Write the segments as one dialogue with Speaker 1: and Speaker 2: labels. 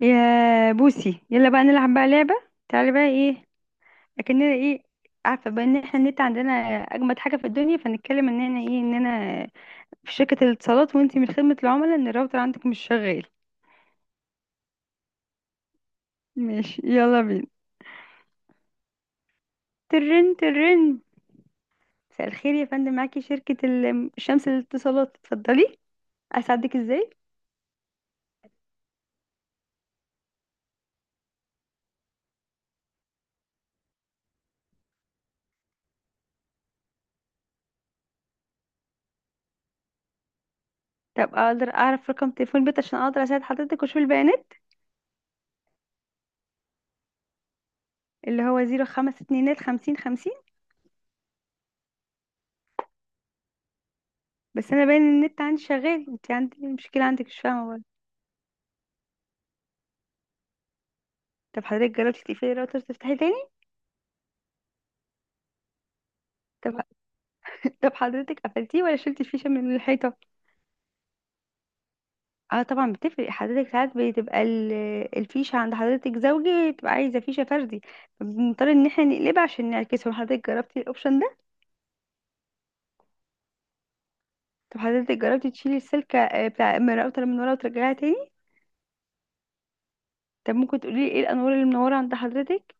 Speaker 1: يا بوسي، يلا بقى نلعب بقى لعبة. تعالي بقى، ايه؟ اكننا ايه؟ عارفة بقى ان احنا النت عندنا اجمد حاجة في الدنيا، فنتكلم اننا في شركة الاتصالات، وانتي من خدمة العملاء، ان الراوتر عندك مش شغال. ماشي يلا بينا. ترن ترن. مساء الخير يا فندم، معاكي شركة شمس الاتصالات، اتفضلي اساعدك ازاي؟ طب اقدر اعرف رقم تليفون البيت عشان اقدر اساعد حضرتك واشوف البيانات؟ اللي هو زيرو خمسة اتنينات خمسين خمسين. بس انا باين ان النت عندي شغال. انت عندك المشكلة عندك، مش فاهمة. طب حضرتك جربتي تقفلي الراوتر تفتحي تاني؟ طب. طب حضرتك قفلتيه ولا شلتي الفيشه من الحيطه؟ اه طبعا بتفرق حضرتك. ساعات بتبقى الفيشه عند حضرتك زوجي، بتبقى عايزه فيشه فردي، فبنضطر ان احنا نقلبها عشان نعكسه. حضرتك جربتي الاوبشن ده؟ طب حضرتك جربتي تشيلي السلكه، بتاع، من الراوتر من ورا وترجعيها تاني؟ طب ممكن تقولي لي ايه الانوار اللي منوره عند حضرتك؟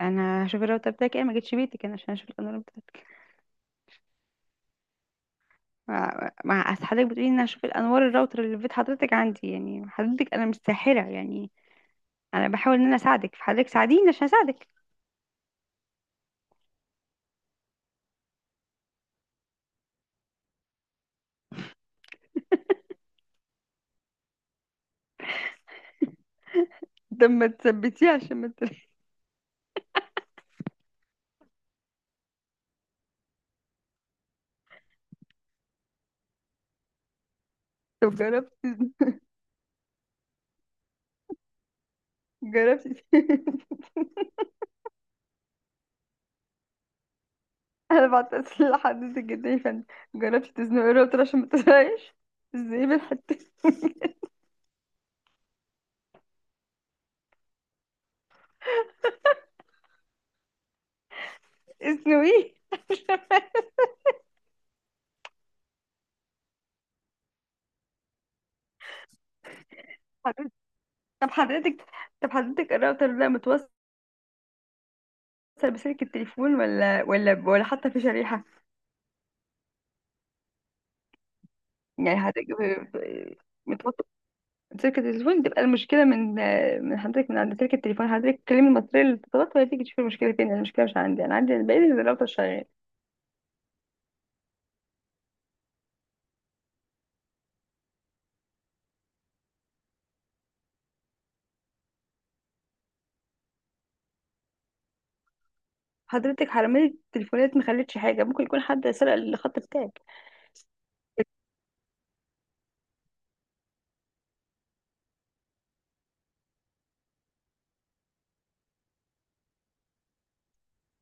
Speaker 1: انا هشوف الراوتر بتاعك ايه، ما جيتش بيتك انا عشان اشوف الانوار بتاعتك. أصل حضرتك بتقولي ان أنا هشوف الانوار الراوتر اللي في بيت حضرتك عندي، يعني حضرتك انا مش ساحره يعني. انا بحاول ان انا اساعدك، فحضرتك ساعديني عشان اساعدك. ده ما تثبتيه عشان ما ت- طب جربتي، جربتي انا بعتذر لحضرتك جدا يا فندم. جربتي تزنقي الراوتر عشان ما تزهقش؟ ازاي بالحته؟ اسنويه. حضرتك- طب حضرتك، طب حضرتك الراوتر ده متوصل بسلك التليفون، ولا حتى في شريحه؟ يعني حضرتك متوصل سلك التليفون، تبقى المشكلة من حضرتك، من عند سلك التليفون. حضرتك تكلمي المصرية للاتصالات، وهي تيجي تشوف المشكلة فين. أنا المشكلة مش عندي، أنا عندي الباقي الراوتر شغال. حضرتك حرماني التليفونات ما خلتش حاجة. ممكن يكون حد سرق الخط بتاعك.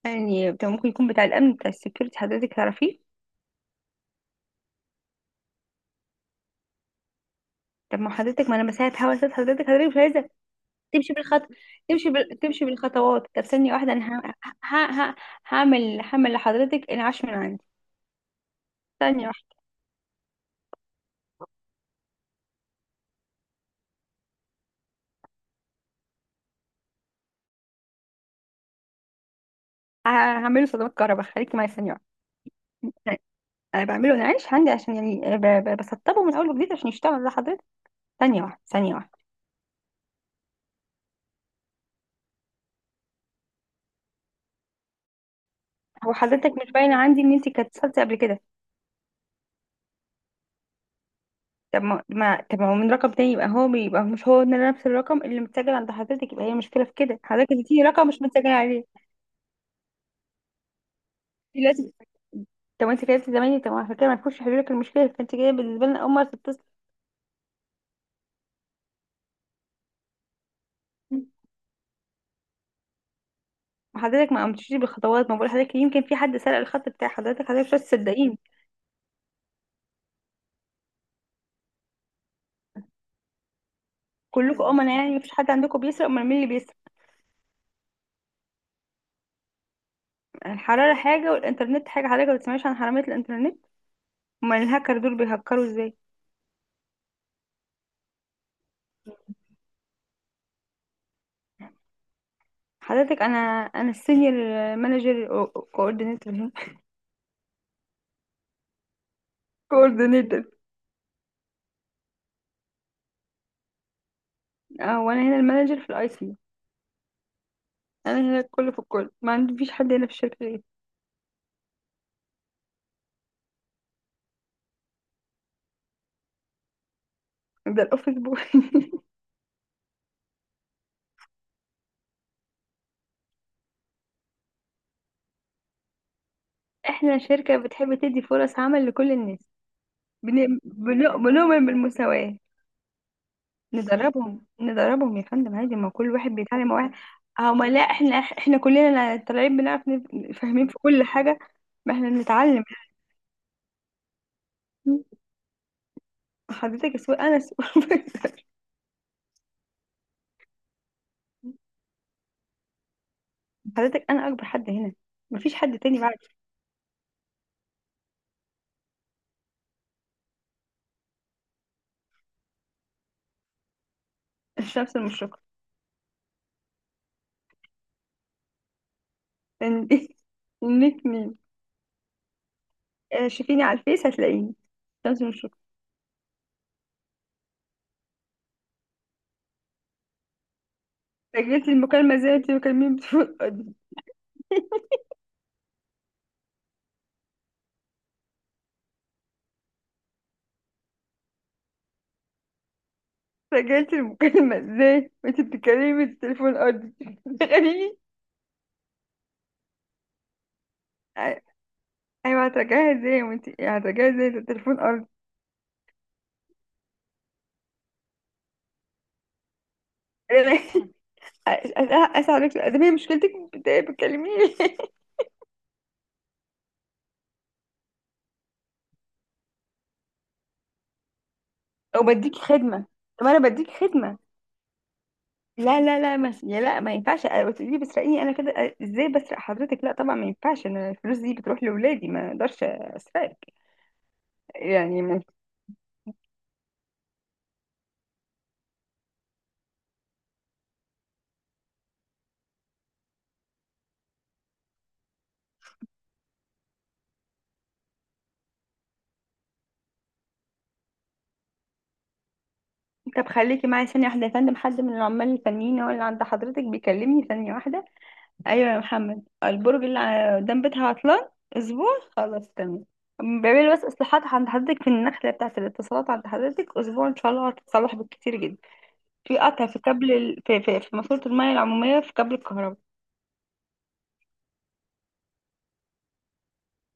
Speaker 1: يعني، طب ممكن يكون بتاع الأمن، بتاع السكيورتي، حضرتك تعرفيه؟ طب ما حضرتك، ما أنا بساعد، هوا ساعد حضرتك مش عايزة تمشي بالخط، تمشي تمشي بالخطوات. طب ثانية واحدة أنا ه... ه... هعمل، لحضرتك انعاش من عندي. ثانية واحدة. هعمله صدمات كهرباء، خليكي معايا ثانية واحدة. انا بعمله، انا عايش عندي، عشان يعني، بسطبه من اول وجديد عشان يشتغل لحضرتك. ثانيه واحده، ثانيه واحده. هو حضرتك مش باينه عندي ان انت كانت اتصلتي قبل كده. طب ما هو من رقم تاني، يبقى يبقى مش هو نفس الرقم اللي متسجل عند حضرتك. يبقى هي مشكله في كده، حضرتك اديتيني رقم مش متسجل عليه. انت لازم طب انت كلمتي زمايلي، طب عشان كده ما تكونش حضرتك المشكله، فانت جايه بالنسبه لنا اول مره تتصل. حضرتك ما قمتيش بالخطوات. ما بقول حضرتك يمكن في حد سرق الخط بتاع حضرتك، حضرتك مش هتصدقيني. كلكم امنا، يعني مفيش حد عندكم بيسرق؟ امال مين اللي بيسرق؟ الحرارة حاجة والإنترنت حاجة، حضرتك ما بتسمعيش عن حرامية الإنترنت؟ أمال الهاكر دول بيهكروا إزاي؟ حضرتك أنا، السينيور مانجر كوردينيتور. كوردينيتور. أه، وأنا هنا المانجر في الأي سي. أنا هنا الكل في الكل، ما عنديش حد هنا في الشركة غيري. ده الأوفيس بوي. إحنا شركة بتحب تدي فرص عمل لكل الناس. بنؤمن بالمساواة. ندربهم ندربهم يا فندم، عادي، ما هو كل واحد بيتعلم واحد. هما، لا احنا، كلنا طالعين بنعرف، فاهمين في كل حاجة. ما احنا بنتعلم. حضرتك سوق، انا سوق. حضرتك انا اكبر حد هنا، مفيش حد تاني بعد. الشمس المشرقة. إن- انك مين؟ آه، شوفيني على الفيس هتلاقيني. الشمس المشرقة. سجلت المكالمة ازاي وانت بتكلميني بتليفون ارضي؟ سجلت المكالمة ازاي وانت بتتكلمي بالتليفون ارضي؟ تخيلي. ايوه هترجعيها ازاي، وانت هترجعيها ازاي، ده التليفون ارض. أنا اسف عليك، ده هي مشكلتك، بتكلميني. او بديكي خدمه، طب انا بديكي خدمه. لا لا لا، ما يا لا، ما ينفعش تقولي بسرقيني. انا كده ازاي بسرق حضرتك؟ لا طبعا ما ينفعش، انا الفلوس دي بتروح لاولادي، ما اقدرش اسرقك. يعني طب خليكي معايا ثانيه واحده يا فندم، حد من العمال الفنيين هو اللي عند حضرتك بيكلمني، ثانيه واحده. ايوه يا محمد، البرج اللي قدام بيتها عطلان اسبوع، خلاص تمام. بعملي بس اصلاحات عند حضرتك في النخله بتاعه الاتصالات عند حضرتك، اسبوع ان شاء الله هتتصلح بالكتير جدا. في قطع في كابل في ماسوره الميه العموميه في كابل الكهرباء.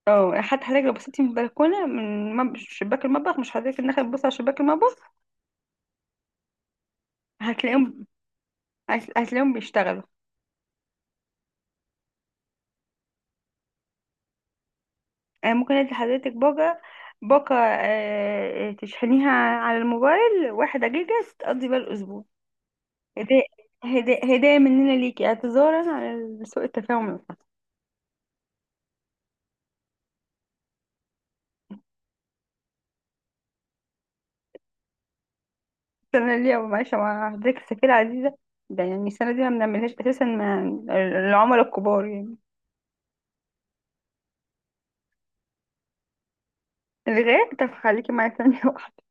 Speaker 1: اه حتى حضرتك لو بصيتي من البلكونه، من شباك المطبخ، مش حضرتك النخله تبص على شباك المطبخ، هتلاقيهم، هتلاقيهم بيشتغلوا. انا ممكن ادي حضرتك باقه، تشحنيها على الموبايل واحدة جيجا تقضي بيها الأسبوع. هدايا، هدايا، هدايا مننا ليكي، اعتذارا على سوء التفاهم اللي حصل. السنة اللي أو معلش مع حضرتك، السفيرة عزيزة ده، يعني السنة دي ما بنعملهاش أساسا مع العملاء الكبار يعني. الغاء، طب خليكي معايا ثانية واحدة.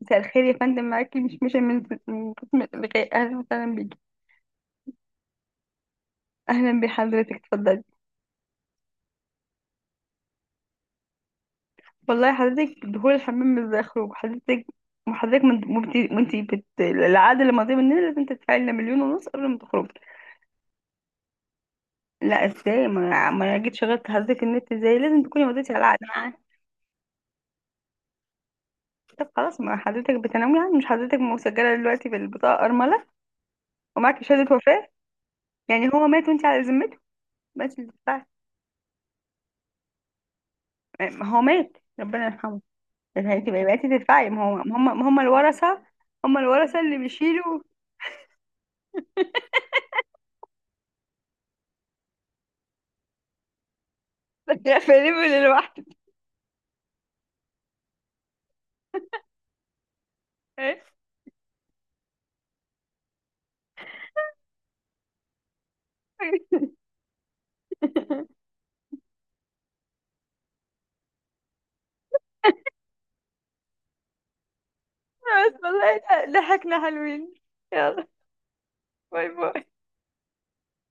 Speaker 1: مساء الخير يا فندم، معاكي مش من قسم الغاء، أهلا وسهلا بيكي. أهلا بحضرتك اتفضلي. والله حضرتك دخول الحمام مش زي خروج حضرتك. وحضرتك وانتي العقد اللي ماضي مننا لازم تدفعي لنا مليون ونص قبل ما تخرجي. لا ازاي، ما أنا جيت شغلت حضرتك النت، ازاي لازم تكوني مضيتي على العقد معاه. طب خلاص، ما حضرتك بتنوي، يعني مش حضرتك مسجله دلوقتي بالبطاقه ارمله، ومعاكي شهاده وفاه، يعني هو مات وانت على ذمته، بس اللي تدفعي. ما هو مات ربنا يرحمه، بس انت بقيتي تدفعي، ما هو هم هم الورثه. هم الورثه اللي بيشيلوا. فليبل لوحده. بس والله ضحكنا حلوين. يلا، باي باي.